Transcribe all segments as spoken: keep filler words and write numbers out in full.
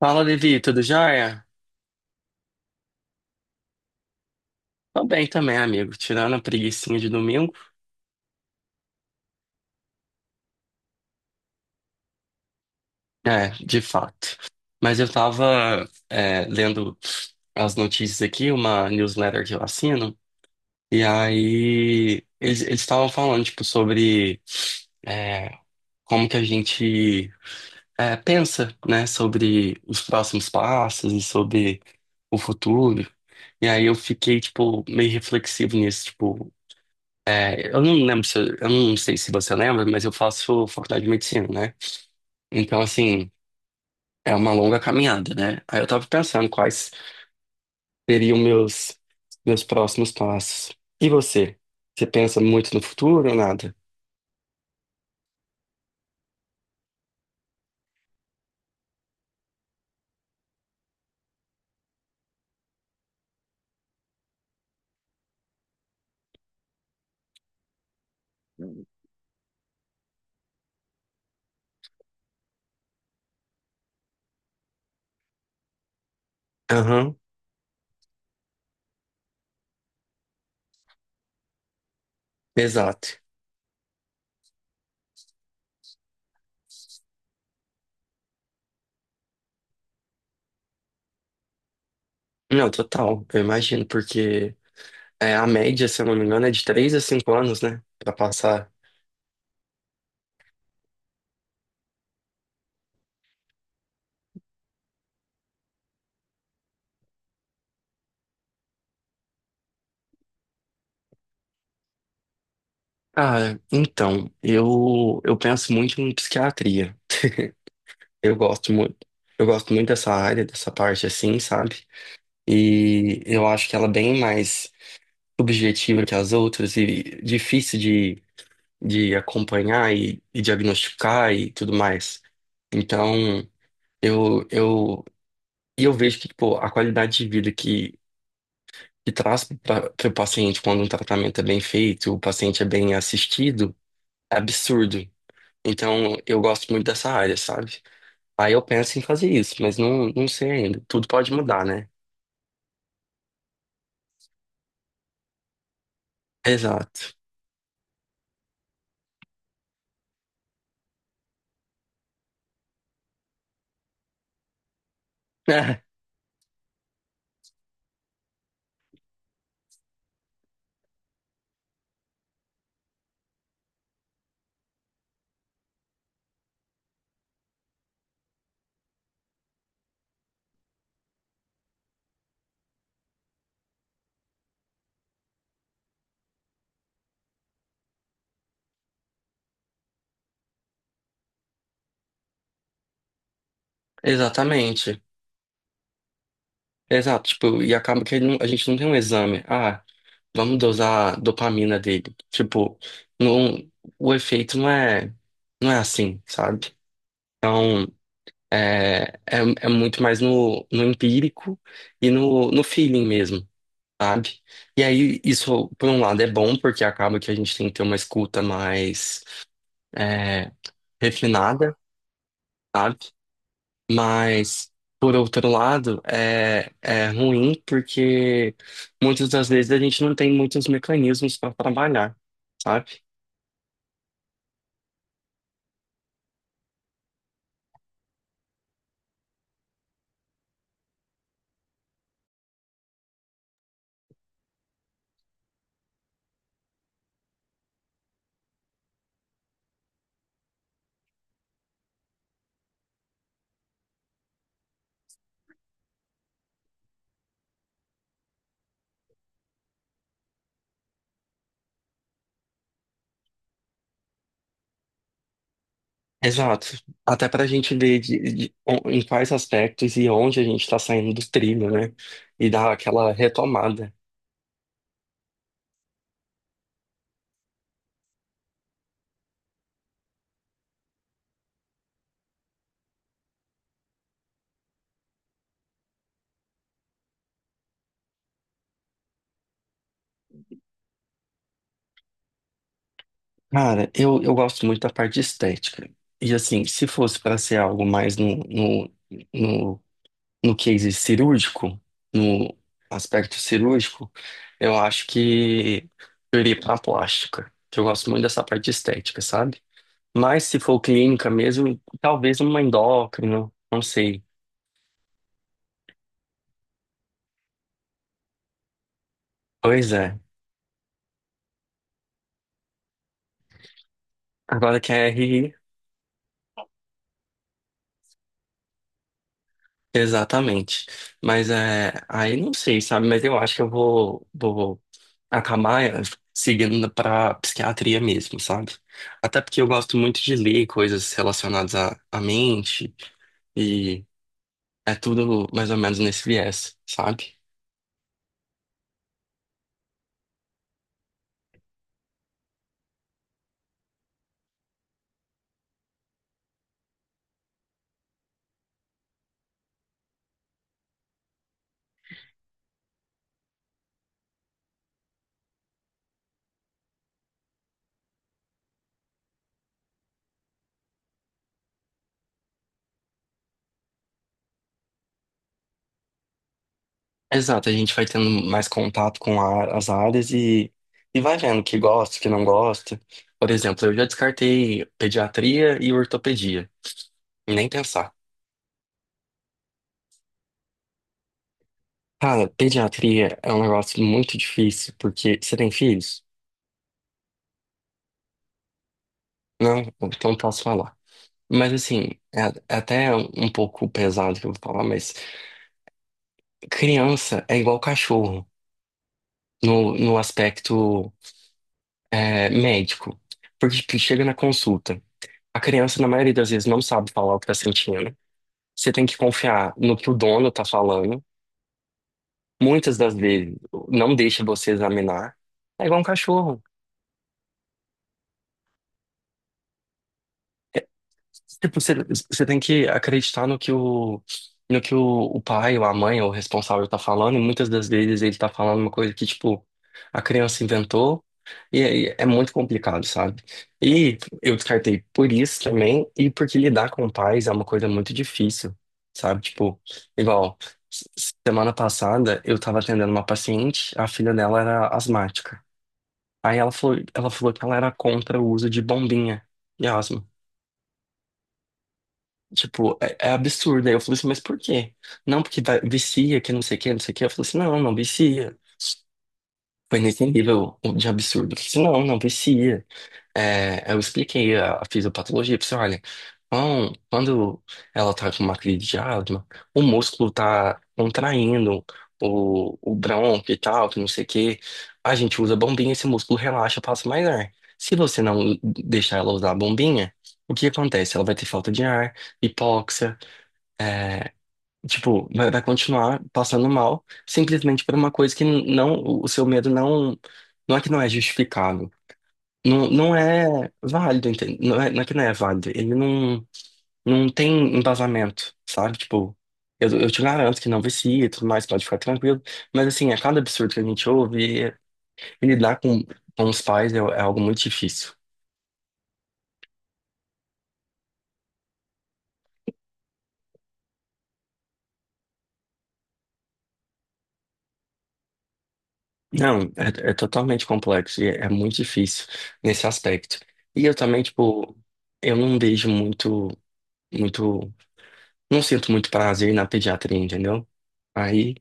Fala, Levi, tudo jóia? Tô bem também, amigo. Tirando a preguicinha de domingo. É, de fato. Mas eu tava, é, lendo as notícias aqui, uma newsletter que eu assino, e aí eles eles estavam falando, tipo, sobre é, como que a gente é, pensa, né, sobre os próximos passos e sobre o futuro. E aí eu fiquei, tipo, meio reflexivo nisso, tipo, eu não lembro se, eu não sei se você lembra, mas eu faço faculdade de medicina, né? Então, assim, é uma longa caminhada, né? Aí eu tava pensando quais seriam meus, meus próximos passos. E você? Você pensa muito no futuro ou nada? Aham, exato. Não, total, eu imagino, porque é, a média, se eu não me engano, é de três a cinco anos, né? Pra passar. Ah, então, eu, eu penso muito em psiquiatria. Eu gosto muito. Eu gosto muito dessa área, dessa parte assim, sabe? E eu acho que ela é bem mais subjetiva que as outras e difícil de, de acompanhar e, e diagnosticar e tudo mais. Então, eu, eu, e eu vejo que, pô, a qualidade de vida que, que traz para o paciente quando um tratamento é bem feito, o paciente é bem assistido, é absurdo. Então, eu gosto muito dessa área, sabe? Aí eu penso em fazer isso, mas não, não sei ainda. Tudo pode mudar, né? Exato. É, exatamente. Exato. Tipo, e acaba que ele não- a gente não tem um exame. Ah, vamos dosar a dopamina dele. Tipo, não, o efeito não é, não é assim, sabe? Então, é, é, é muito mais no, no empírico e no, no feeling mesmo, sabe? E aí, isso, por um lado, é bom, porque acaba que a gente tem que ter uma escuta mais, é, refinada. Sabe? Mas, por outro lado, é, é ruim porque muitas das vezes a gente não tem muitos mecanismos para trabalhar, sabe? Exato. Até para a gente ver de- de- o- em quais aspectos e onde a gente está saindo do trilho, né? E dar aquela retomada. Cara, eu, eu gosto muito da parte de estética. E assim, se fosse para ser algo mais no, no, no no case cirúrgico, no aspecto cirúrgico, eu acho que eu iria para plástica, que eu gosto muito dessa parte de estética, sabe? Mas se for clínica mesmo, talvez uma endócrina, não sei. Pois é. Agora que é exatamente. Mas é, aí não sei, sabe? Mas eu acho que eu vou, vou acabar é, seguindo pra psiquiatria mesmo, sabe? Até porque eu gosto muito de ler coisas relacionadas à, à mente e é tudo mais ou menos nesse viés, sabe? Exato, a gente vai tendo mais contato com a- as áreas e, e vai vendo o que gosta, o que não gosta. Por exemplo, eu já descartei pediatria e ortopedia. Nem pensar. Cara, pediatria é um negócio muito difícil, porque você tem filhos? Não? Então posso falar. Mas assim, é é até um pouco pesado que eu vou falar, mas criança é igual cachorro no, no aspecto é, médico. Porque tipo, chega na consulta, a criança, na maioria das vezes, não sabe falar o que tá sentindo. Você tem que confiar no que o dono tá falando. Muitas das vezes, não deixa você examinar. É igual um cachorro. Tipo, você, você tem que acreditar no que o, no que o, o pai, ou a mãe, ou o responsável tá falando, e muitas das vezes ele tá falando uma coisa que, tipo, a criança inventou, e aí é muito complicado, sabe? E eu descartei por isso também, e porque lidar com pais é uma coisa muito difícil, sabe? Tipo, igual, s- semana passada eu tava atendendo uma paciente, a filha dela era asmática. Aí ela falou, ela falou que ela era contra o uso de bombinha de asma. Tipo, é, é absurdo. Aí eu falei assim, mas por quê? Não, porque vai, vicia, que não sei o que, não sei o que. Eu falei assim, não, não vicia. Foi nesse nível de absurdo. Eu falei assim, não, não vicia. É, eu expliquei a, a fisiopatologia, eu falei assim, olha, então, quando ela tá com uma crise de asma, o músculo tá contraindo o, o brônquio e tal, que não sei o que. A gente usa bombinha, esse músculo relaxa, passa mais ar. Se você não deixar ela usar a bombinha, o que acontece? Ela vai ter falta de ar, hipóxia, é, tipo, vai, vai continuar passando mal, simplesmente por uma coisa que não, o seu medo não, não é que não é justificável. Não, não é válido, entende? Não é, não é que não é válido. Ele não, não tem embasamento, sabe? Tipo, eu, eu te garanto que não vicia e tudo mais, pode ficar tranquilo. Mas assim, a cada absurdo que a gente ouve, e e lidar com, com os pais é, é algo muito difícil. Não, é, é totalmente complexo e é, é muito difícil nesse aspecto. E eu também, tipo, eu não vejo muito. Muito. Não sinto muito prazer na pediatria, entendeu? Aí.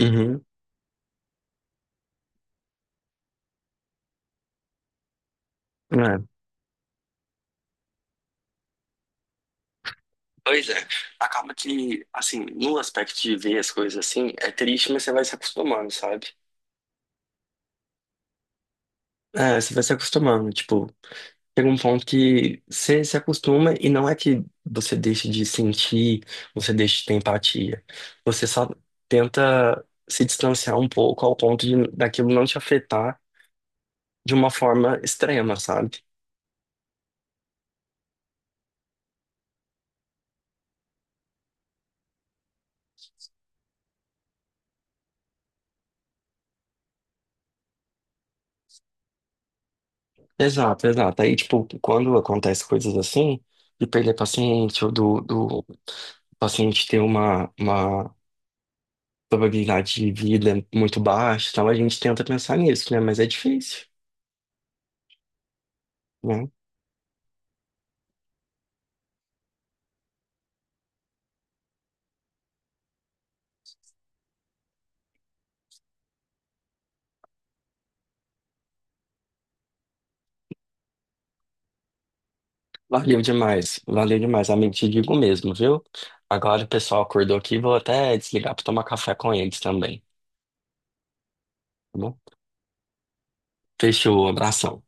Uhum. É. Pois é. Acaba que, assim, no aspecto de ver as coisas assim, é triste, mas você vai se acostumando, sabe? É, você vai se acostumando. Tipo, chega um ponto que você se acostuma e não é que você deixe de sentir, você deixe de ter empatia. Você só tenta se distanciar um pouco ao ponto de daquilo não te afetar de uma forma extrema, sabe? Exato, exato. Aí, tipo, quando acontece coisas assim, de perder paciente, ou do, do paciente ter uma, uma probabilidade de vida muito baixa, e tal, a gente tenta pensar nisso, né? Mas é difícil, né? Valeu demais, valeu demais. Amigo, te digo mesmo, viu? Agora o pessoal acordou aqui, vou até desligar pra tomar café com eles também, tá bom? Fechou, abração.